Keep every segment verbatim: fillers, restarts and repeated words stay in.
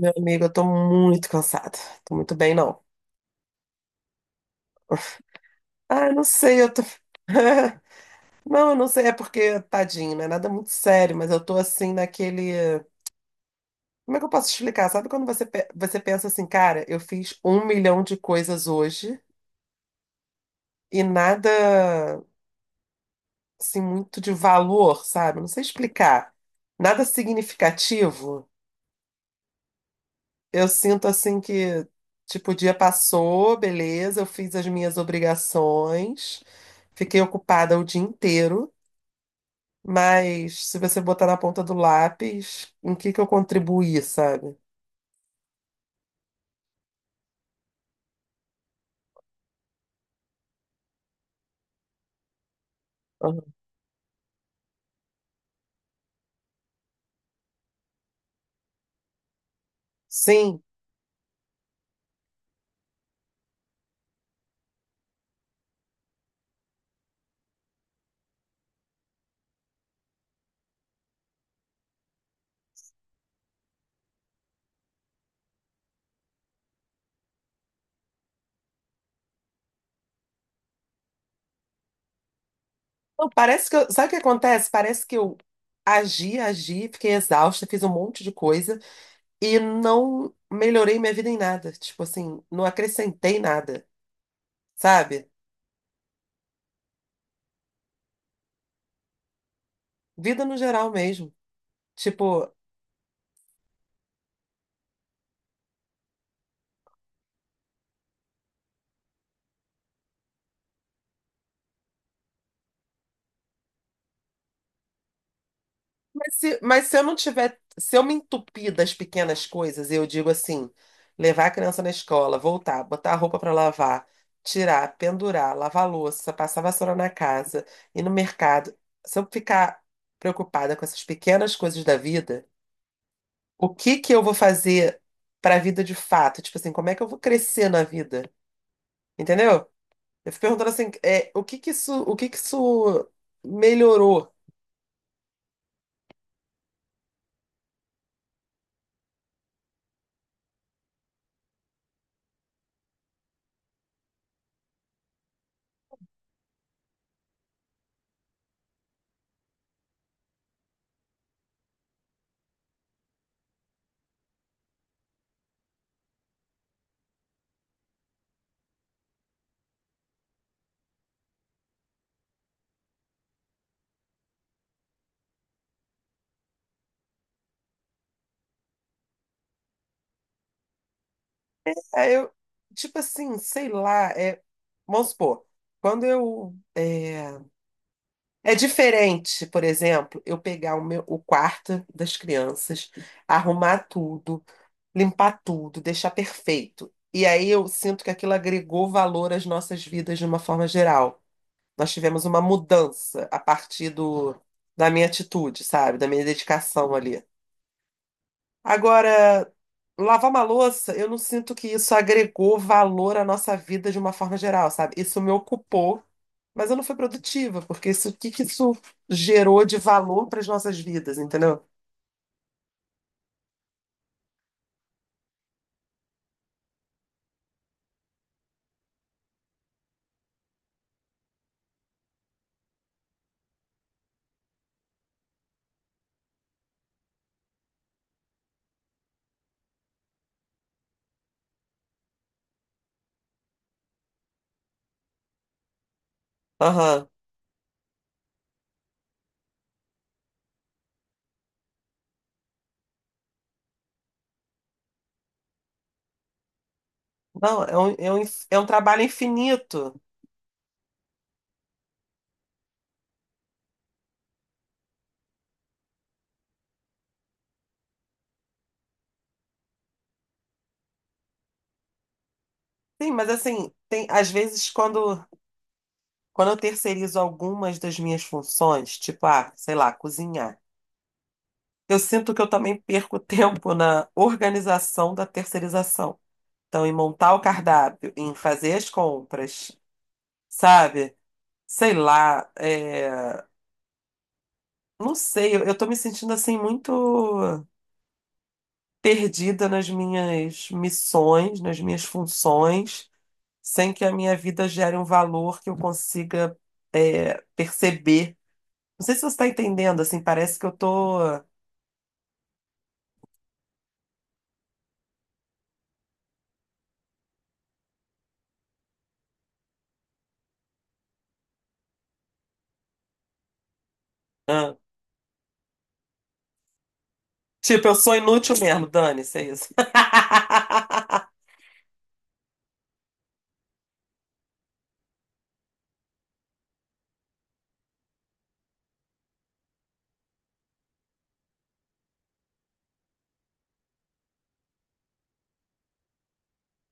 Meu amigo, eu tô muito cansada. Tô muito bem, não. Ah, eu não sei, eu tô. Não, eu não sei, é porque, tadinho, não é nada muito sério, mas eu tô assim naquele. Como é que eu posso explicar? Sabe quando você, pe- você pensa assim, cara, eu fiz um milhão de coisas hoje e nada, assim, muito de valor, sabe? Não sei explicar. Nada significativo. Eu sinto assim que, tipo, o dia passou, beleza, eu fiz as minhas obrigações, fiquei ocupada o dia inteiro, mas se você botar na ponta do lápis, em que que eu contribuí, sabe? Aham. Sim. Não, parece que eu, sabe o que acontece? Parece que eu agi, agi, fiquei exausta, fiz um monte de coisa e não melhorei minha vida em nada. Tipo assim, não acrescentei nada, sabe? Vida no geral mesmo. Tipo, Mas se, mas se eu não tiver, se eu me entupir das pequenas coisas, eu digo assim, levar a criança na escola, voltar, botar a roupa para lavar, tirar, pendurar, lavar a louça, passar vassoura na casa, ir no mercado. Se eu ficar preocupada com essas pequenas coisas da vida, o que que eu vou fazer para a vida de fato? Tipo assim, como é que eu vou crescer na vida? Entendeu? Eu fico perguntando assim, é, o que que isso, o que que isso melhorou? Aí eu, tipo assim, sei lá, é, vamos supor, quando eu. É, é diferente, por exemplo, eu pegar o meu, o quarto das crianças, arrumar tudo, limpar tudo, deixar perfeito. E aí eu sinto que aquilo agregou valor às nossas vidas de uma forma geral. Nós tivemos uma mudança a partir do, da minha atitude, sabe? Da minha dedicação ali. Agora, lavar uma louça, eu não sinto que isso agregou valor à nossa vida de uma forma geral, sabe? Isso me ocupou, mas eu não fui produtiva, porque isso, o que que isso gerou de valor para as nossas vidas, entendeu? Aham. Não, é um, é um, inf- é um trabalho infinito. Sim, mas assim, tem, às vezes quando, quando eu terceirizo algumas das minhas funções, tipo, ah, sei lá, cozinhar, eu sinto que eu também perco tempo na organização da terceirização. Então, em montar o cardápio, em fazer as compras, sabe? Sei lá, é, não sei, eu, eu tô me sentindo assim muito perdida nas minhas missões, nas minhas funções, sem que a minha vida gere um valor que eu consiga é, perceber. Não sei se você tá entendendo, assim, parece que eu tô. ah, tipo, eu sou inútil mesmo, dane-se, é isso.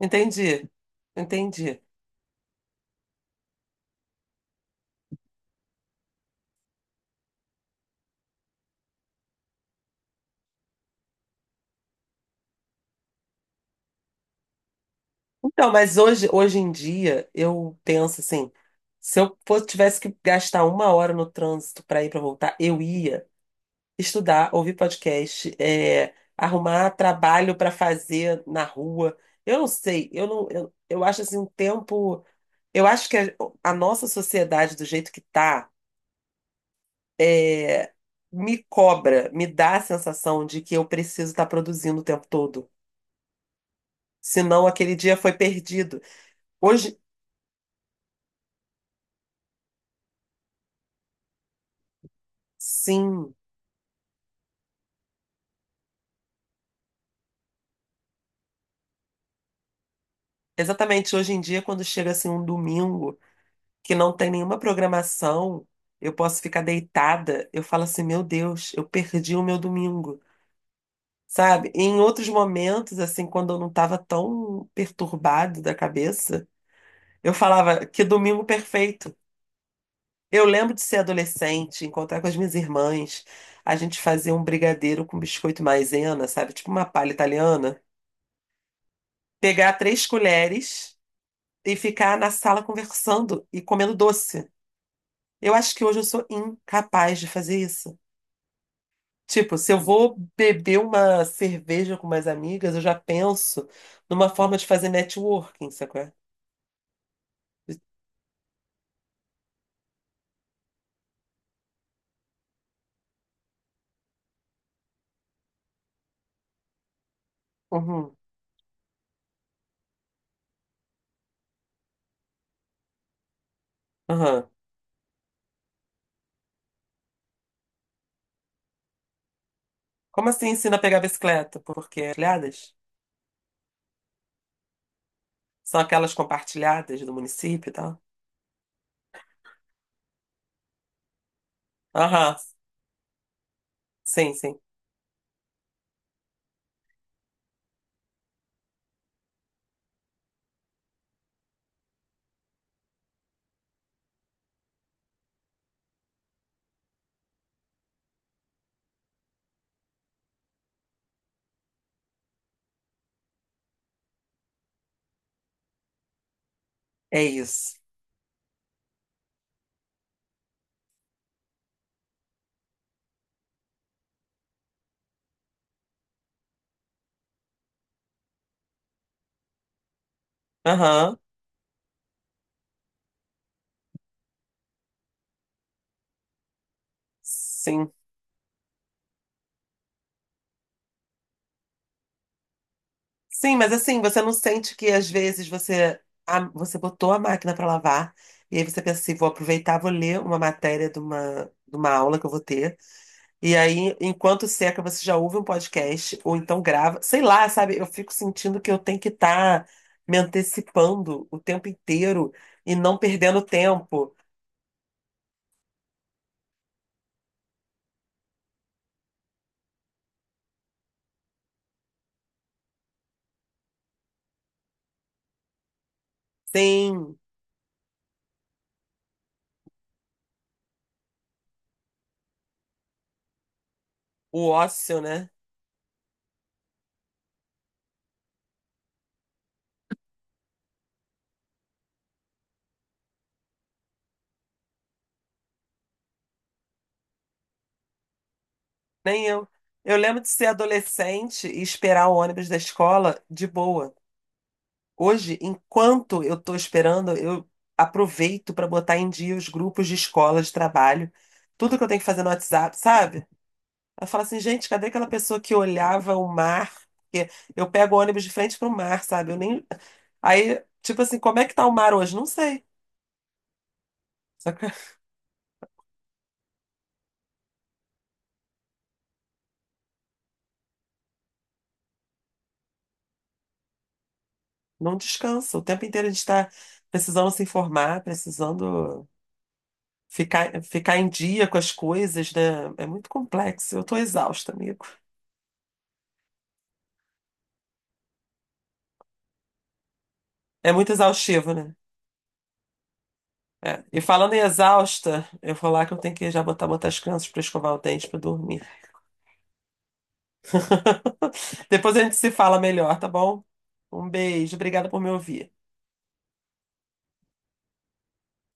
Entendi, entendi. Então, mas hoje, hoje em dia, eu penso assim, se eu fosse, tivesse que gastar uma hora no trânsito para ir para voltar, eu ia estudar, ouvir podcast, é, arrumar trabalho para fazer na rua. Eu não sei, eu não, eu, eu acho assim um tempo, eu acho que a, a nossa sociedade do jeito que tá, é, me cobra, me dá a sensação de que eu preciso estar produzindo o tempo todo. Senão aquele dia foi perdido. Hoje, sim. Exatamente, hoje em dia, quando chega assim um domingo que não tem nenhuma programação, eu posso ficar deitada, eu falo assim, meu Deus, eu perdi o meu domingo, sabe? E em outros momentos, assim, quando eu não estava tão perturbado da cabeça, eu falava, que domingo perfeito. Eu lembro de ser adolescente, encontrar com as minhas irmãs, a gente fazer um brigadeiro com biscoito maisena, sabe? Tipo uma palha italiana, pegar três colheres e ficar na sala conversando e comendo doce. Eu acho que hoje eu sou incapaz de fazer isso. Tipo, se eu vou beber uma cerveja com umas amigas, eu já penso numa forma de fazer networking, sacou? Uhum, uhum. Como assim ensina a pegar bicicleta? Porque compartilhadas? São aquelas compartilhadas do município e tal? Aham, sim, sim. É isso. Aham, sim. Sim, mas assim, você não sente que às vezes você, a- você botou a máquina para lavar e aí você pensa assim, vou aproveitar, vou ler uma matéria de uma, de uma aula que eu vou ter. E aí, enquanto seca, você já ouve um podcast ou então grava. Sei lá, sabe? Eu fico sentindo que eu tenho que estar me antecipando o tempo inteiro e não perdendo tempo sem o ócio, né? Nem eu. Eu lembro de ser adolescente e esperar o ônibus da escola de boa. Hoje, enquanto eu estou esperando, eu aproveito para botar em dia os grupos de escola, de trabalho, tudo que eu tenho que fazer no WhatsApp, sabe? Eu falo assim, gente, cadê aquela pessoa que olhava o mar? Porque eu pego o ônibus de frente para o mar, sabe? Eu nem. Aí, tipo assim, como é que tá o mar hoje? Não sei. Só que não descansa. O tempo inteiro a gente está precisando se informar, precisando ficar, ficar em dia com as coisas, né? É muito complexo. Eu estou exausta, amigo. É muito exaustivo, né? É, E falando em exausta, eu vou lá que eu tenho que já botar, botar as crianças para escovar o dente para dormir. Depois a gente se fala melhor, tá bom? Um beijo, obrigada por me ouvir.